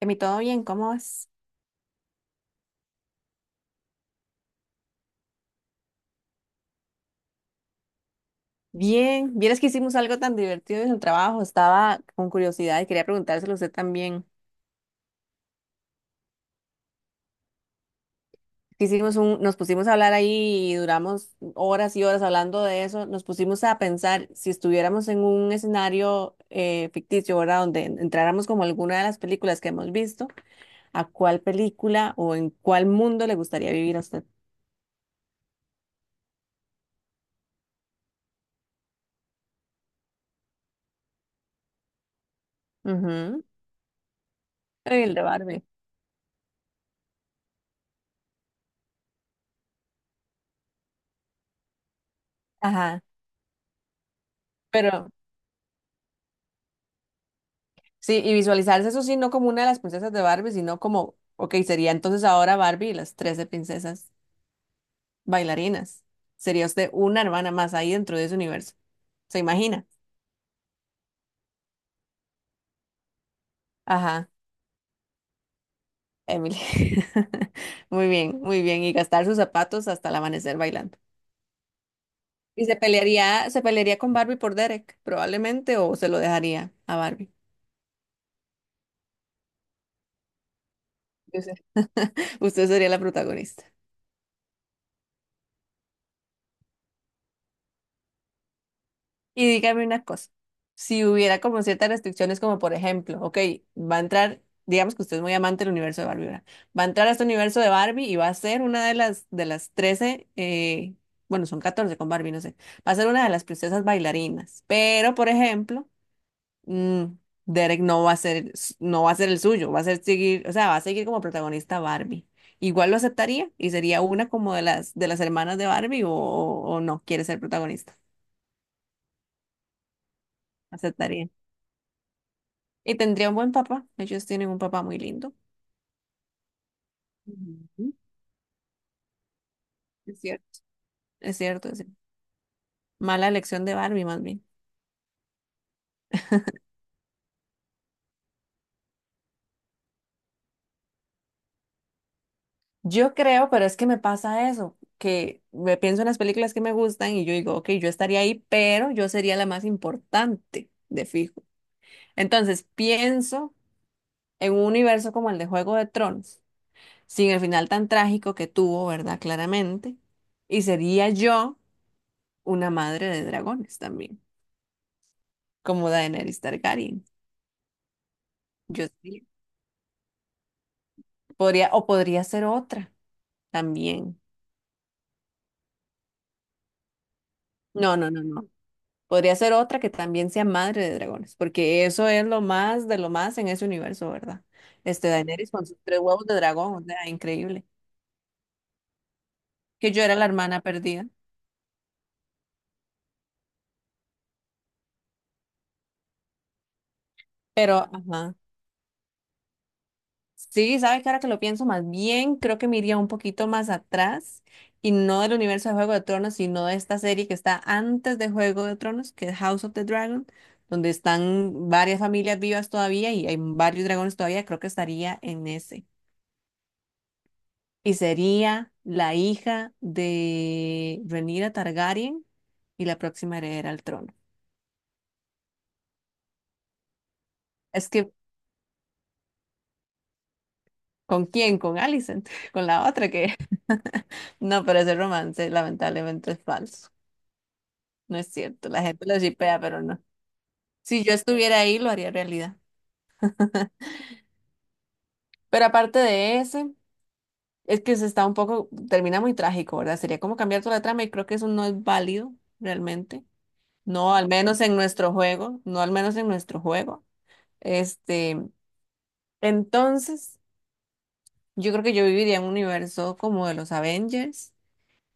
Emi, ¿todo bien? ¿Cómo vas? Bien, vieras que hicimos algo tan divertido en el trabajo, estaba con curiosidad y quería preguntárselo a usted también. Nos pusimos a hablar ahí y duramos horas y horas hablando de eso, nos pusimos a pensar si estuviéramos en un escenario ficticio, ¿verdad? Donde entráramos como alguna de las películas que hemos visto, ¿a cuál película o en cuál mundo le gustaría vivir a usted? Ujú. El de Barbie. Ajá. Pero sí, y visualizarse eso sí, no como una de las princesas de Barbie, sino como, ok, sería entonces ahora Barbie y las 13 princesas bailarinas. Sería usted una hermana más ahí dentro de ese universo. ¿Se imagina? Ajá, Emily. Muy bien, muy bien. Y gastar sus zapatos hasta el amanecer bailando. Y se pelearía con Barbie por Derek, probablemente, o se lo dejaría a Barbie. Yo sé. Usted sería la protagonista. Y dígame una cosa, si hubiera como ciertas restricciones, como por ejemplo, ok, va a entrar, digamos que usted es muy amante del universo de Barbie, ¿verdad? Va a entrar a este universo de Barbie y va a ser una de las 13 bueno, son 14 con Barbie, no sé, va a ser una de las princesas bailarinas, pero por ejemplo, mm, Derek no va a ser, no va a ser el suyo, va a ser seguir, o sea, va a seguir como protagonista Barbie. Igual lo aceptaría y sería una como de las hermanas de Barbie o, o no quiere ser protagonista, aceptaría. Y tendría un buen papá. Ellos tienen un papá muy lindo. Ujú. Es cierto. Es cierto, es cierto. Mala elección de Barbie, más bien. Yo creo, pero es que me pasa eso, que me pienso en las películas que me gustan y yo digo, ok, yo estaría ahí, pero yo sería la más importante, de fijo. Entonces pienso en un universo como el de Juego de Tronos, sin el final tan trágico que tuvo, ¿verdad? Claramente. Y sería yo una madre de dragones también, como Daenerys Targaryen. Yo sería podría, o podría ser otra también. No, no, no, no. Podría ser otra que también sea madre de dragones, porque eso es lo más de lo más en ese universo, ¿verdad? Este Daenerys con sus tres huevos de dragón, o sea, increíble. Que yo era la hermana perdida, pero ajá. Sí, sabes que ahora que lo pienso más bien, creo que me iría un poquito más atrás y no del universo de Juego de Tronos, sino de esta serie que está antes de Juego de Tronos, que es House of the Dragon, donde están varias familias vivas todavía y hay varios dragones todavía, creo que estaría en ese. Y sería la hija de Rhaenyra Targaryen y la próxima heredera al trono. Es que, ¿Con quién? Con Alicent, con la otra que... No, pero ese romance lamentablemente es falso. No es cierto, la gente lo shipea, pero no. Si yo estuviera ahí, lo haría realidad. Pero aparte de ese, es que se está un poco, termina muy trágico, ¿verdad? Sería como cambiar toda la trama y creo que eso no es válido realmente. No, al menos en nuestro juego, no al menos en nuestro juego. Este, entonces, yo creo que yo viviría en un universo como de los Avengers,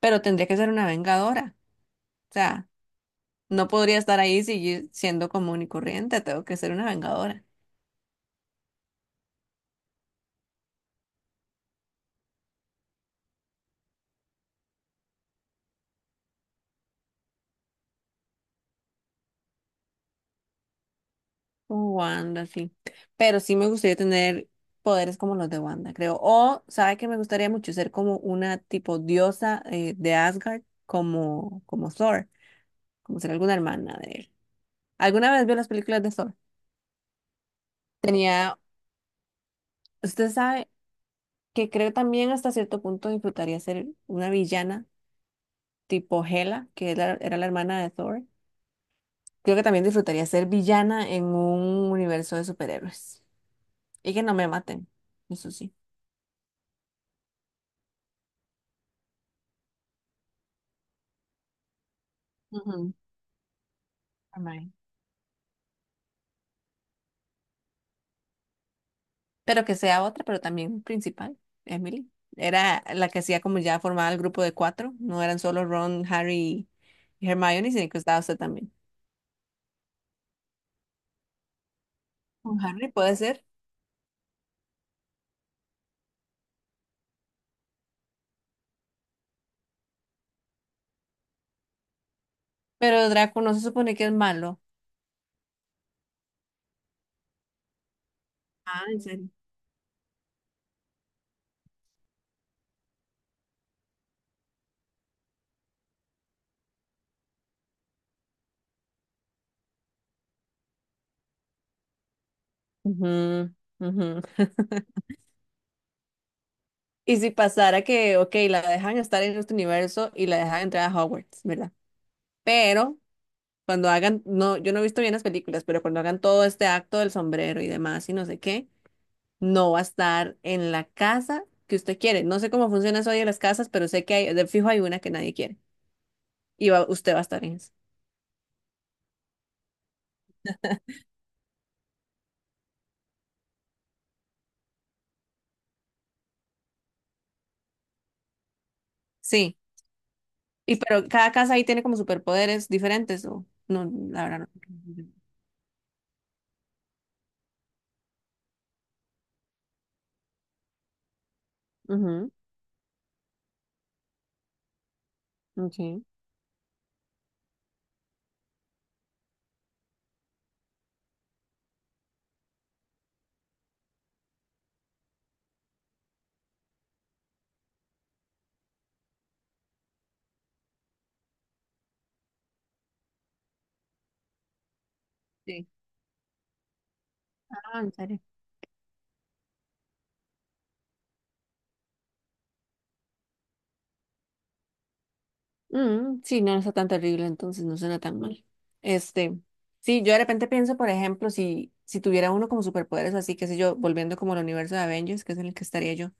pero tendría que ser una vengadora. O sea, no podría estar ahí siendo común y corriente, tengo que ser una vengadora. Como Wanda, sí. Pero sí me gustaría tener poderes como los de Wanda, creo. O, ¿sabe que me gustaría mucho ser como una tipo diosa de Asgard, como, como Thor, como ser alguna hermana de él? ¿Alguna vez vio las películas de Thor? Tenía, usted sabe que creo también hasta cierto punto disfrutaría ser una villana tipo Hela, que era, era la hermana de Thor. Creo que también disfrutaría ser villana en un universo de superhéroes. Y que no me maten, eso sí. Ujú. Amai. Pero que sea otra, pero también principal, Emily. Era la que hacía como ya formaba el grupo de cuatro. No eran solo Ron, Harry y Hermione, sino que estaba usted también. Con Harry puede ser, pero Draco no se supone que es malo. Ah, ¿en serio? Ujú, ujú. Y si pasara que, ok, la dejan estar en este universo y la dejan entrar a Hogwarts, ¿verdad? Pero cuando hagan, no, yo no he visto bien las películas, pero cuando hagan todo este acto del sombrero y demás y no sé qué. No va a estar en la casa que usted quiere. No sé cómo funciona eso hoy en las casas, pero sé que hay, de fijo hay una que nadie quiere. Y usted va a estar en esa. Sí. Y pero cada casa ahí tiene como superpoderes diferentes, o no, la verdad no. Ujú, ok. Sí. Ah, en serio. Mm, sí, no está tan terrible, entonces no suena tan mal. Este, sí, yo de repente pienso, por ejemplo, si tuviera uno como superpoderes, así que sé yo, volviendo como al universo de Avengers, que es en el que estaría yo.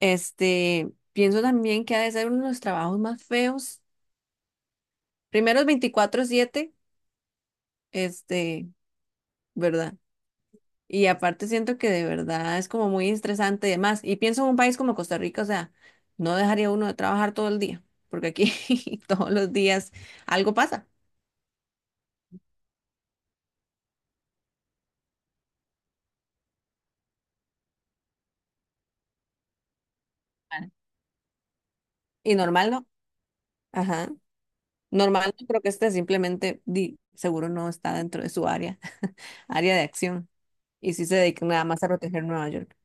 Este, pienso también que ha de ser uno de los trabajos más feos. Primero es 24/7, este, ¿verdad? Y aparte siento que de verdad es como muy estresante y demás. Y pienso en un país como Costa Rica, o sea, no dejaría uno de trabajar todo el día, porque aquí todos los días algo pasa. Claro. Y normal no. Ajá. Normal no creo que este simplemente di, seguro no está dentro de su área, área de acción. Y sí se dedica nada más a proteger Nueva York.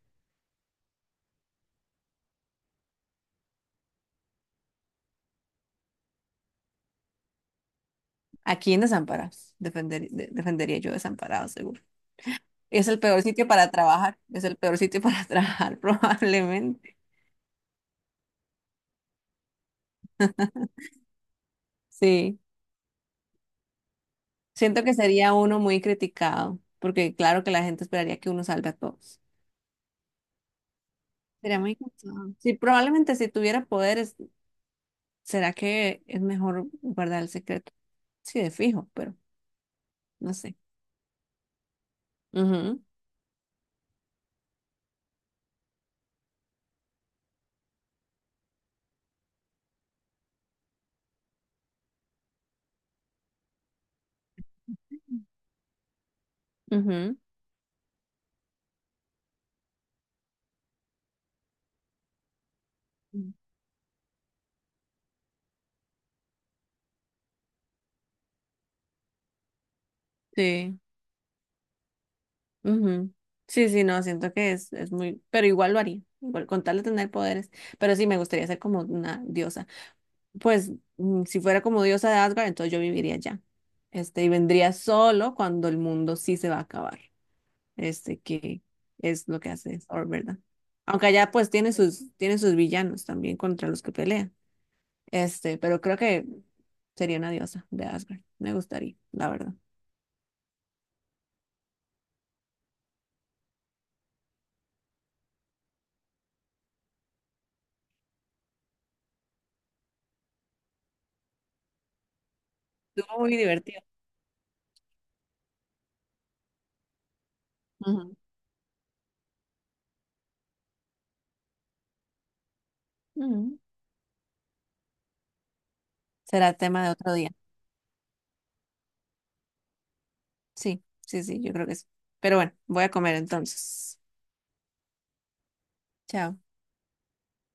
Aquí en Desamparados, defendería yo Desamparados, seguro. Es el peor sitio para trabajar, es el peor sitio para trabajar, probablemente. Sí, siento que sería uno muy criticado, porque claro que la gente esperaría que uno salve a todos. Sería muy cansado. Sí, probablemente si tuviera poderes, ¿será que es mejor guardar el secreto? Sí, de fijo, pero no sé. Ujú, ujú, sí. Ujú. Sí, sí, no, siento que es muy, pero igual lo haría, igual con tal de tener poderes, pero sí me gustaría ser como una diosa. Pues mm, si fuera como diosa de Asgard, entonces yo viviría allá. Este, y vendría solo cuando el mundo sí se va a acabar. Este, que es lo que hace Thor, ¿verdad? Aunque allá pues tiene sus villanos también contra los que pelea. Este, pero creo que sería una diosa de Asgard. Me gustaría, la verdad. Estuvo muy divertido. Ujú. Ujú. Será tema de otro día. Sí, sí, sí, yo creo que sí. Pero bueno, voy a comer entonces. Chao.